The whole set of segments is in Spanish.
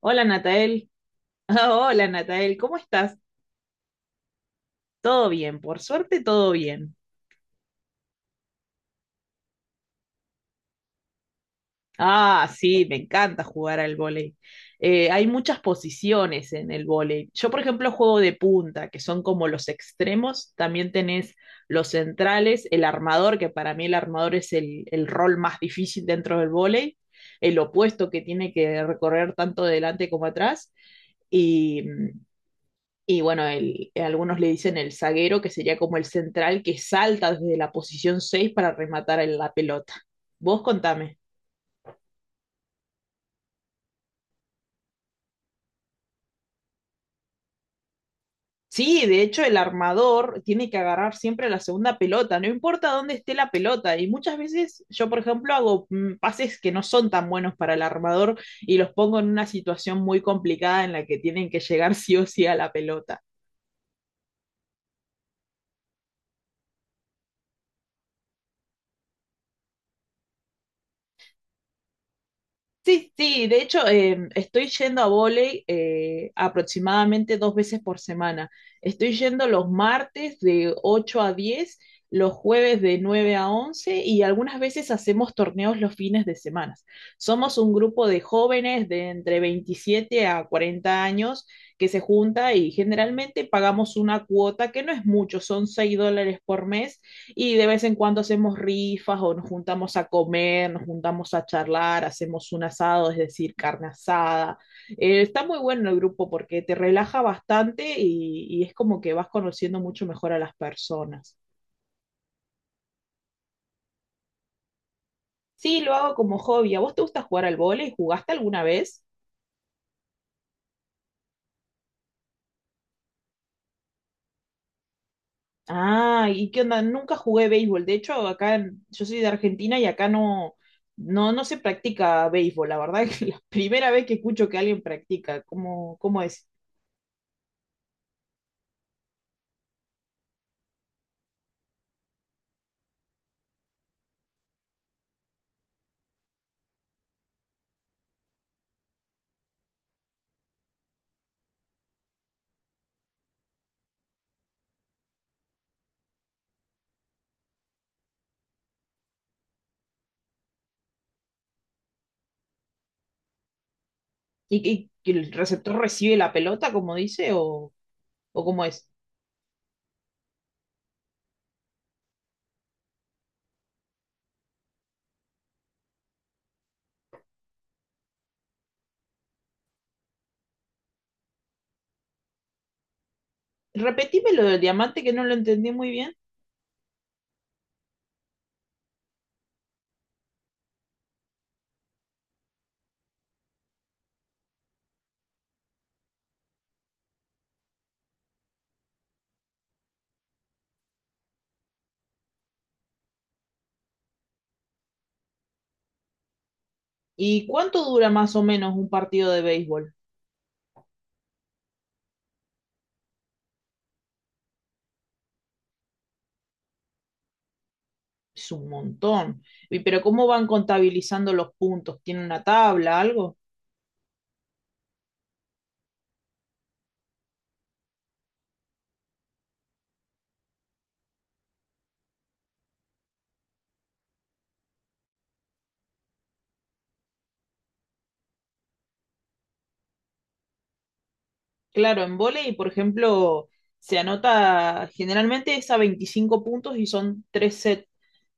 Hola Natael. Hola Natael, ¿cómo estás? Todo bien, por suerte todo bien. Ah, sí, me encanta jugar al vóley. Hay muchas posiciones en el vóley. Yo, por ejemplo, juego de punta, que son como los extremos. También tenés los centrales, el armador, que para mí el armador es el rol más difícil dentro del vóley, el opuesto que tiene que recorrer tanto delante como atrás. Y bueno, algunos le dicen el zaguero, que sería como el central que salta desde la posición 6 para rematar en la pelota. Vos contame. Sí, de hecho el armador tiene que agarrar siempre la segunda pelota, no importa dónde esté la pelota. Y muchas veces yo, por ejemplo, hago pases que no son tan buenos para el armador y los pongo en una situación muy complicada en la que tienen que llegar sí o sí a la pelota. Sí, sí, de hecho estoy yendo a vóley aproximadamente dos veces por semana. Estoy yendo los martes de 8 a 10, los jueves de 9 a 11, y algunas veces hacemos torneos los fines de semana. Somos un grupo de jóvenes de entre 27 a 40 años que se junta y generalmente pagamos una cuota que no es mucho, son 6 dólares por mes, y de vez en cuando hacemos rifas o nos juntamos a comer, nos juntamos a charlar, hacemos un asado, es decir, carne asada. Está muy bueno el grupo porque te relaja bastante y es como que vas conociendo mucho mejor a las personas. Sí, lo hago como hobby. ¿A vos te gusta jugar al vóley? ¿Jugaste alguna vez? Ah, ¿y qué onda? Nunca jugué béisbol. De hecho, acá en- yo soy de Argentina y acá no, no, no se practica béisbol. La verdad es que la primera vez que escucho que alguien practica, ¿cómo es? ¿Y, que el receptor recibe la pelota, como dice, o cómo es? Repetime lo del diamante que no lo entendí muy bien. ¿Y cuánto dura más o menos un partido de béisbol? Es un montón. Pero ¿cómo van contabilizando los puntos? ¿Tiene una tabla, algo? Claro, en vóley, por ejemplo, se anota generalmente es a 25 puntos y son tres sets.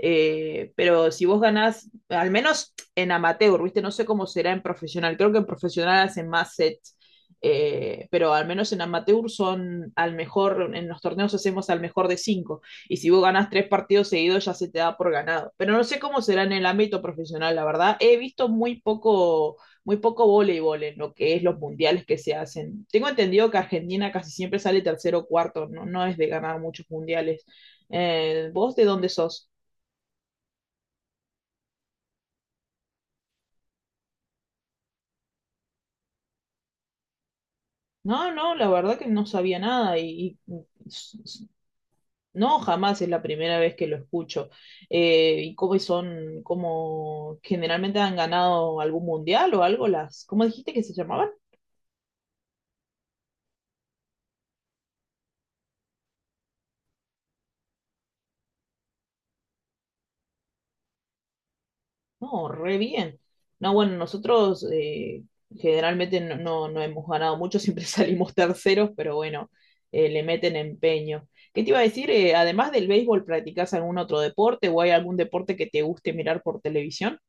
Pero si vos ganás, al menos en amateur, ¿viste? No sé cómo será en profesional. Creo que en profesional hacen más sets. Pero al menos en amateur son al mejor, en los torneos hacemos al mejor de cinco. Y si vos ganás tres partidos seguidos, ya se te da por ganado. Pero no sé cómo será en el ámbito profesional, la verdad. He visto muy poco voleibol en lo que es los mundiales que se hacen. Tengo entendido que Argentina casi siempre sale tercero o cuarto, no, no es de ganar muchos mundiales. ¿Vos de dónde sos? No, no, la verdad que no sabía nada s- s- no, jamás es la primera vez que lo escucho. ¿Y cómo son, cómo generalmente han ganado algún mundial o algo las, ¿cómo dijiste que se llamaban? No, re bien. No, bueno, nosotros generalmente no, no, no hemos ganado mucho, siempre salimos terceros, pero bueno, le meten empeño. ¿Qué te iba a decir? Además del béisbol, ¿practicas algún otro deporte o hay algún deporte que te guste mirar por televisión?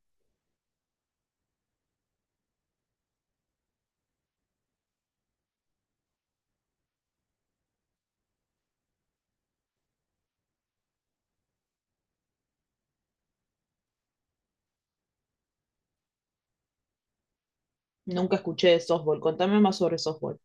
Nunca escuché de softball. Contame más sobre softball.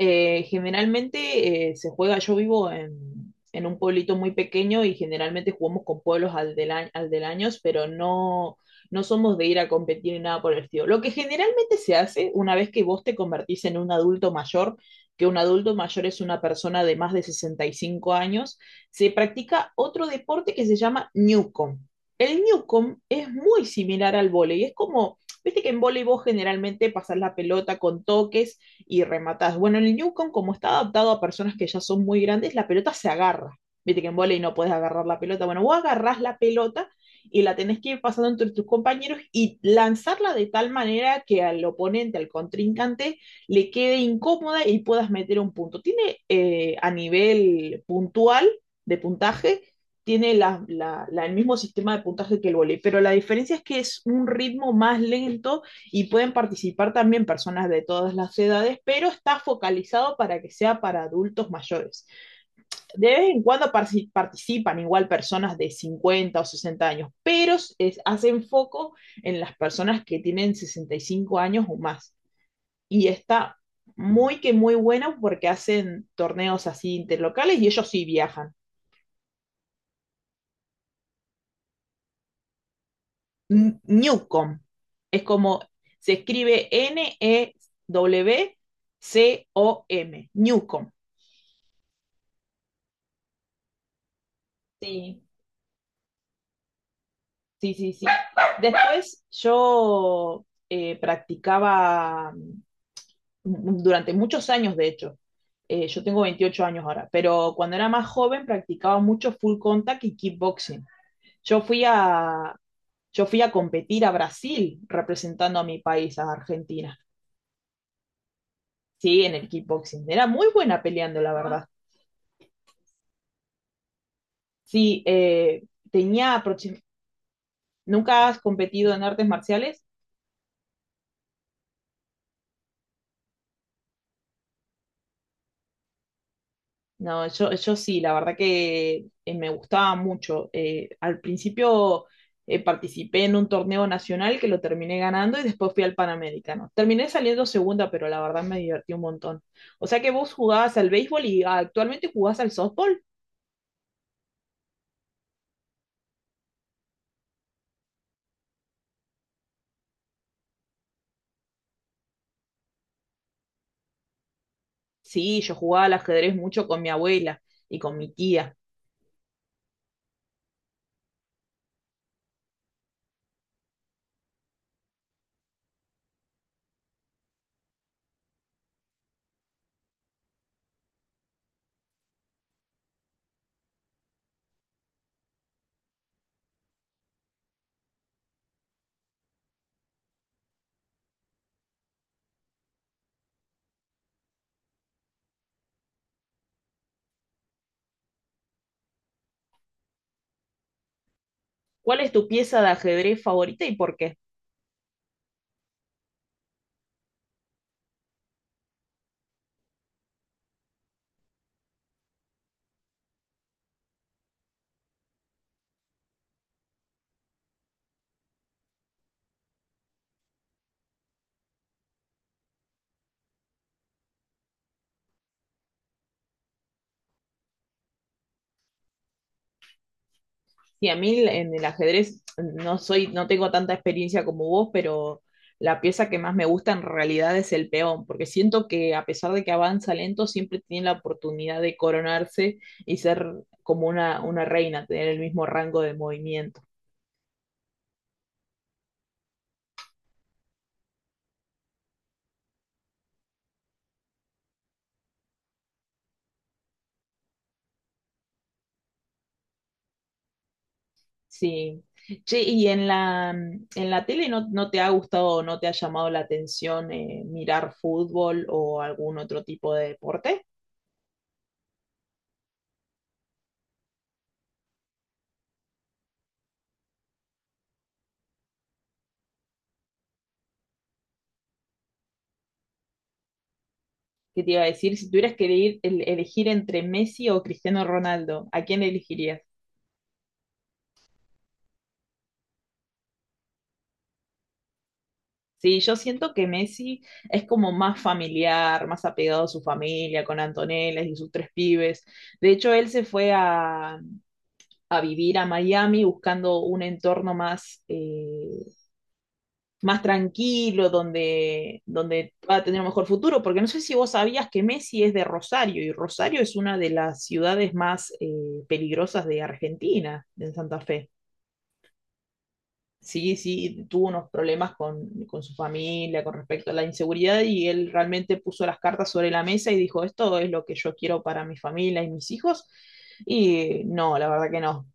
Generalmente se juega, yo vivo en un pueblito muy pequeño y generalmente jugamos con pueblos alderaños, pero no, no somos de ir a competir ni nada por el estilo. Lo que generalmente se hace una vez que vos te convertís en un adulto mayor, que un adulto mayor es una persona de más de 65 años, se practica otro deporte que se llama Newcomb. El Newcomb es muy similar al vóley, es como, viste que en vóley vos generalmente pasás la pelota con toques y rematás. Bueno, en el Newcomb, como está adaptado a personas que ya son muy grandes, la pelota se agarra. Viste que en volei no puedes agarrar la pelota. Bueno, vos agarrás la pelota y la tenés que ir pasando entre tus compañeros y lanzarla de tal manera que al oponente, al contrincante, le quede incómoda y puedas meter un punto. Tiene a nivel puntual de puntaje, tiene el mismo sistema de puntaje que el voleibol, pero la diferencia es que es un ritmo más lento y pueden participar también personas de todas las edades, pero está focalizado para que sea para adultos mayores. De vez en cuando participan igual personas de 50 o 60 años, pero es, hacen foco en las personas que tienen 65 años o más. Y está muy que muy bueno porque hacen torneos así interlocales y ellos sí viajan. Newcom es como se escribe N E W C O M, Newcom. Sí, sí, sí, sí. Después yo practicaba durante muchos años, de hecho. Yo tengo 28 años ahora, pero cuando era más joven practicaba mucho full contact y kickboxing. Yo fui a, yo fui a competir a Brasil representando a mi país, a Argentina. Sí, en el kickboxing. Era muy buena peleando, la verdad. Sí, tenía aproxim-. ¿Nunca has competido en artes marciales? No, yo sí, la verdad que me gustaba mucho. Al principio participé en un torneo nacional que lo terminé ganando y después fui al Panamericano. Terminé saliendo segunda, pero la verdad me divertí un montón. O sea que vos jugabas al béisbol y ah, actualmente jugás al softball. Sí, yo jugaba al ajedrez mucho con mi abuela y con mi tía. ¿Cuál es tu pieza de ajedrez favorita y por qué? Sí, a mí en el ajedrez no soy, no tengo tanta experiencia como vos, pero la pieza que más me gusta en realidad es el peón, porque siento que a pesar de que avanza lento, siempre tiene la oportunidad de coronarse y ser como una reina, tener el mismo rango de movimiento. Sí. ¿Che, y en la tele no, no te ha gustado o no te ha llamado la atención mirar fútbol o algún otro tipo de deporte? ¿Qué te iba a decir? Si tuvieras que elegir, elegir entre Messi o Cristiano Ronaldo, ¿a quién elegirías? Sí, yo siento que Messi es como más familiar, más apegado a su familia, con Antonella y sus tres pibes. De hecho, él se fue a, vivir a Miami buscando un entorno más tranquilo, donde va a tener un mejor futuro, porque no sé si vos sabías que Messi es de Rosario y Rosario es una de las ciudades más peligrosas de Argentina, en Santa Fe. Sí, sí, tuvo unos problemas con su familia con respecto a la inseguridad y él realmente puso las cartas sobre la mesa y dijo, esto es lo que yo quiero para mi familia y mis hijos. Y no, la verdad que no.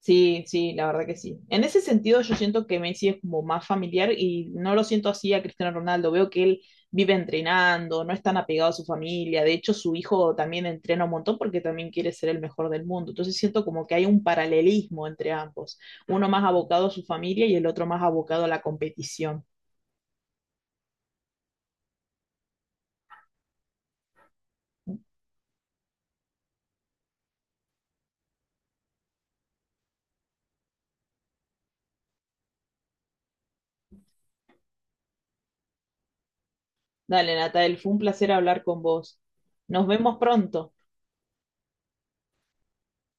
Sí, sí, la verdad que sí. En ese sentido, yo siento que Messi es como más familiar y no lo siento así a Cristiano Ronaldo. Veo que él vive entrenando, no es tan apegado a su familia. De hecho, su hijo también entrena un montón porque también quiere ser el mejor del mundo. Entonces siento como que hay un paralelismo entre ambos. Uno más abocado a su familia y el otro más abocado a la competición. Dale, Natael, fue un placer hablar con vos. Nos vemos pronto.